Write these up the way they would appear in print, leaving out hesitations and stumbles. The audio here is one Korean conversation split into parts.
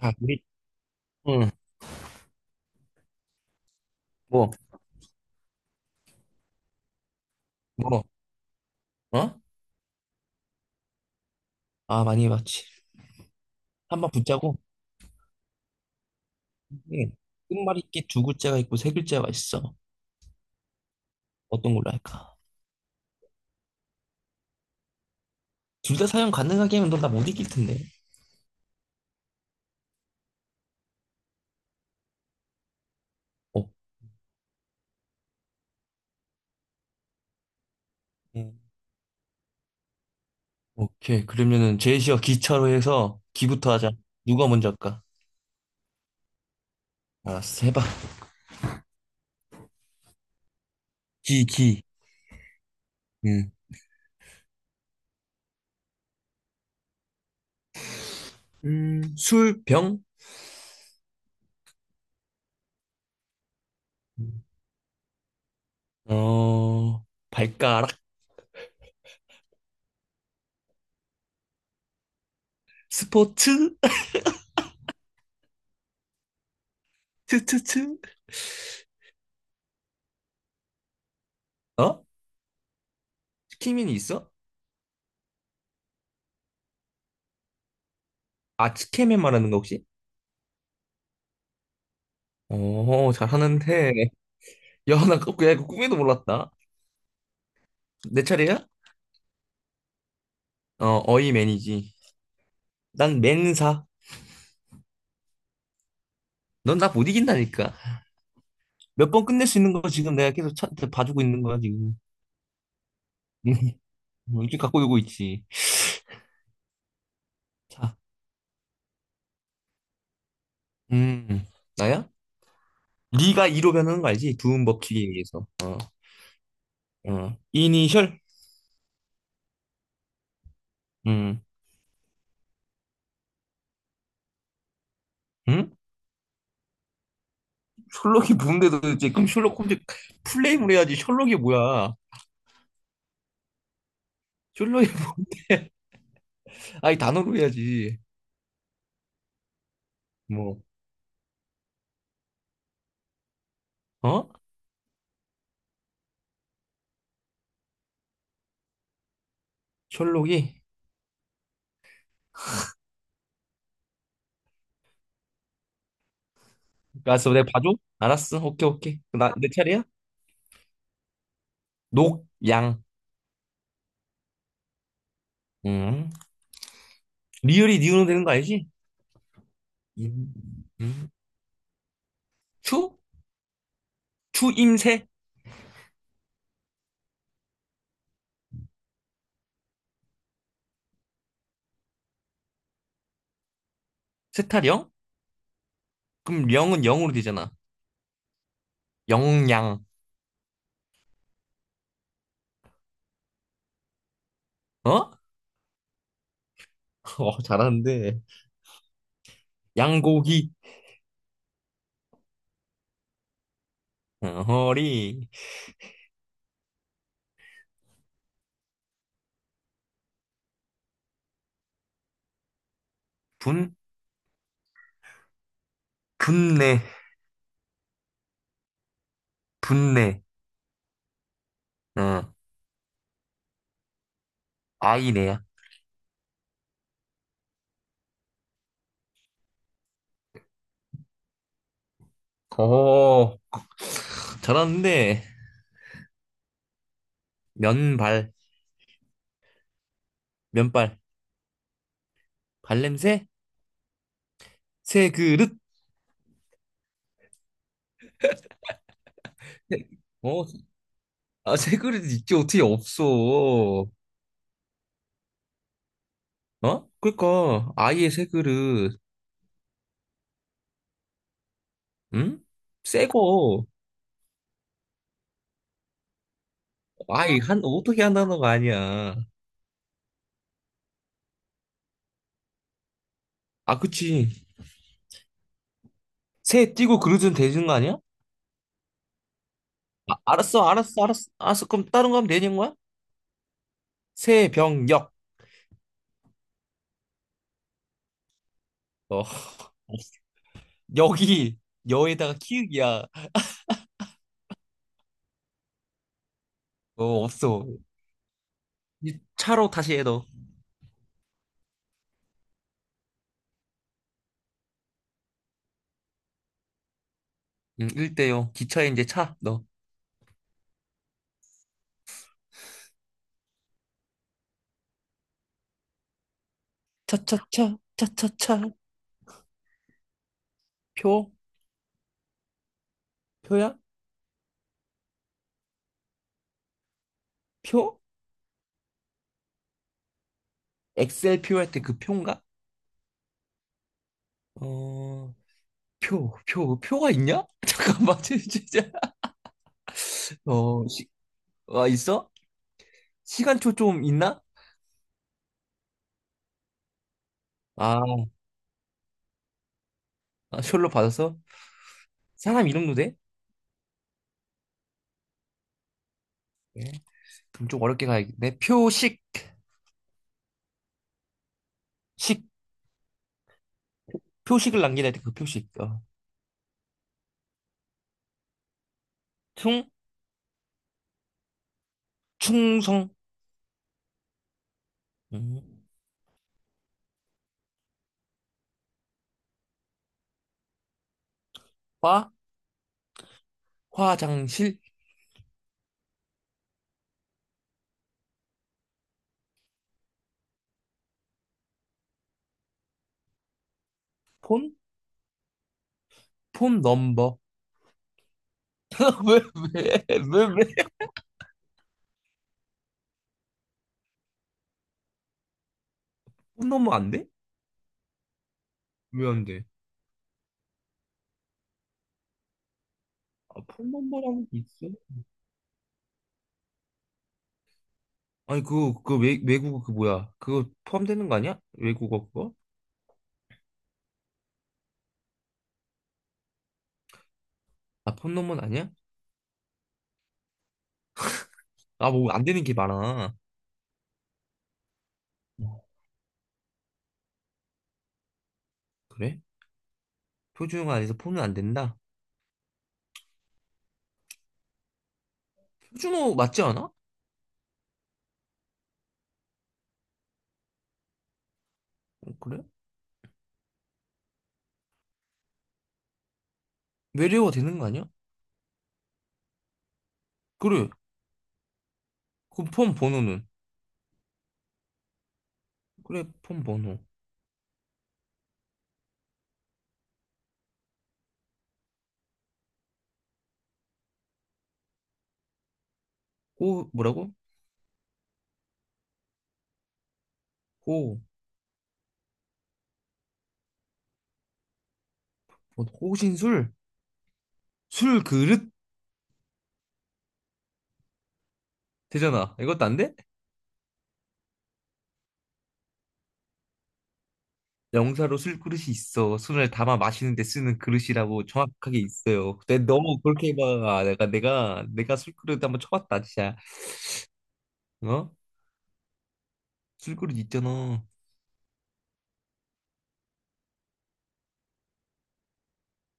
자, 우리, 응, 뭐, 뭐, 어? 아, 많이 해봤지. 한 번 붙자고. 이게 끝말이 있게 두 글자가 있고 세 글자가 있어. 어떤 걸로 할까? 둘 다 사용 가능하게 하면 넌 나 못 이길 텐데. 어, 음, 오케이. 그러면은 제시어 기차로 해서 기부터 하자. 누가 먼저 할까? 알았어, 해봐. 기, 기. 응. 술, 병, 어, 발가락, 스포츠, 트트트. 어? 치킨맨이 있어? 아, 치킨맨 말하는 거 혹시? 오 잘하는데. 야, 나 그냥 그 꿈에도 몰랐다. 내 차례야? 어, 어이 매니지. 난 맨사. 넌 나 못 이긴다니까. 몇 번 끝낼 수 있는 거 지금 내가 계속 차, 봐주고 있는 거야, 지금. 이렇게 갖고 놀고 있지. 자, 음, 나야? 네가 2로 변하는 거 알지? 두음 법칙에 의해서. 어, 이니셜? 음, 응? 셜록이 뭔데도 이제 그럼 셜록 홈즈 플레임을 해야지. 셜록이 뭐야? 셜록이 뭔데? 아니, 단어로 해야지. 뭐, 어? 셜록이? 알았어, 내가 봐줘. 알았어, 오케이, 오케이. 나, 내 차례야? 녹, 양. 음. 리을이 니은 되는 거 알지? 임, 음. 추? 추임새? 세타령? 그럼 영은 영으로 되잖아. 영양. 어? 어, 잘하는데. 양고기. 어, 허리. 분? 분내. 분내. 어, 아이네야. 오, 잘하는데. 면발. 면발. 발냄새? 새그릇. 어, 아, 새 그릇 있지 어떻게 없어? 어? 그러니까 아예 새 그릇, 응? 새 거, 아이 한 어떻게 한다는 거 아니야? 아, 그치. 새 띄고 그릇은 되는 거 아니야? 아, 알았어, 알았어, 알았어, 알았어. 그럼 다른 거 하면 되는 거야? 새, 병, 역. 어, 여기 여에다가 키읔이야. 어, 없어. 이 차로 다시 해 너. 응, 1대요. 기차에 이제 차 너. 차차차 차차차 표 표야? 표? 엑셀 표할 때 그 표인가? 어, 표, 표, 표가 있냐? 잠깐만, 진짜. 어, 시, 아, 있어? 시간초 좀 있나? 아, 아, 셜로 받아서? 사람 이름도 돼? 예. 그럼 좀 어렵게 가야겠네. 표식, 식, 표식을 남기다 할때그 표식. 어. 충, 충성, 음. 화, 화장실, 폰, 폰 넘버. 왜, 왜, 왜, 왜? 폰 넘버 안 돼? 왜 안 돼? 아, 폰 넘버라는 게 있어? 아니, 외국어 그 뭐야? 그거 포함되는 거 아니야? 외국어 그거? 아, 폰놈은 아니야? 아, 뭐 안 되는 게 많아. 어, 그래? 표준어가 아니서 폰은 안 된다. 표준어 맞지 않아? 어, 그래? 외래어가 되는 거 아니야? 그래. 그 폰 번호는? 그래, 폰 번호. 호, 뭐라고? 호, 뭐, 호신술? 술 그릇? 되잖아. 이것도 안 돼? 명사로 술 그릇이 있어. 술을 담아 마시는 데 쓰는 그릇이라고 정확하게 있어요. 근데 너무 그렇게 막 내가 술 그릇 한번 쳐봤다 진짜. 어? 술 그릇 있잖아.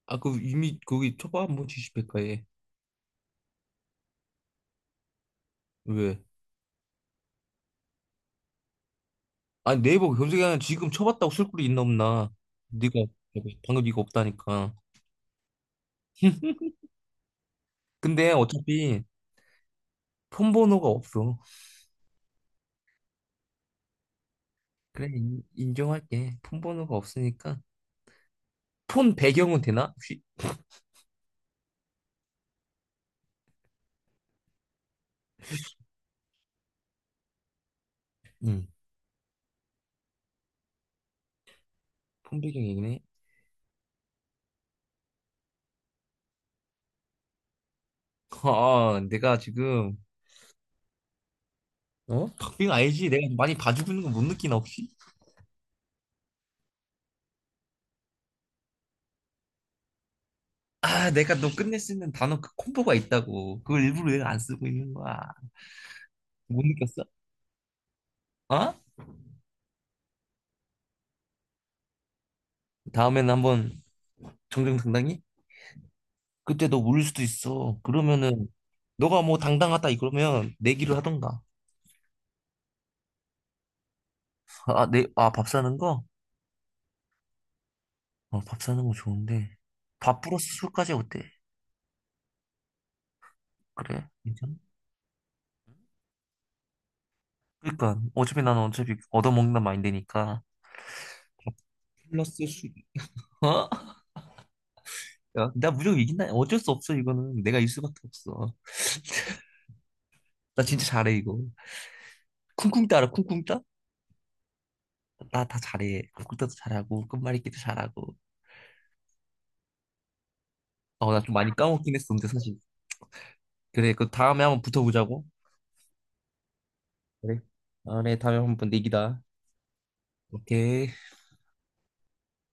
아, 그 이미 거기 쳐봐 한번 지시백과에 왜? 아니 네이버 검색하면 지금 쳐봤다고 쓸 글이 있나 없나? 네가 방금 이거 없다니까. 근데 어차피 폰 번호가 없어. 그래 인정할게. 폰 번호가 없으니까 폰 배경은 되나? 혹시? 응. 폰 배경이네. 아, 내가 지금 어? 박빙 알지? 내가 많이 봐주고 있는 거 못 느끼나 혹시? 아, 내가 너 끝내 쓰는 단어 그 콤보가 있다고. 그걸 일부러 내가 안 쓰고 있는 거야. 못 느꼈어? 어? 다음에는 한번 정정 당당히? 그때 너 울릴 수도 있어. 그러면은 너가 뭐 당당하다 이러면 내기를 하던가. 아, 내, 아, 밥 사는 거? 어, 밥 사는 거 좋은데. 밥 플러스 술까지 어때? 그래? 괜찮아? 그러니까 어차피 나는 어차피 얻어먹는다 마인드니까. 플러스 술. 어? 야, 나 무조건 이긴다. 어쩔 수 없어 이거는. 내가 일 수밖에 없어. 나 진짜 잘해 이거. 쿵쿵따 라 쿵쿵따? 나 다 잘해. 쿵쿵따도 잘하고 끝말잇기도 잘하고. 어, 나 좀 많이 까먹긴 했었는데 사실. 그래, 그 다음에 한번 붙어보자고. 그래. 다음에 다음에 한번 내기다. 오케이.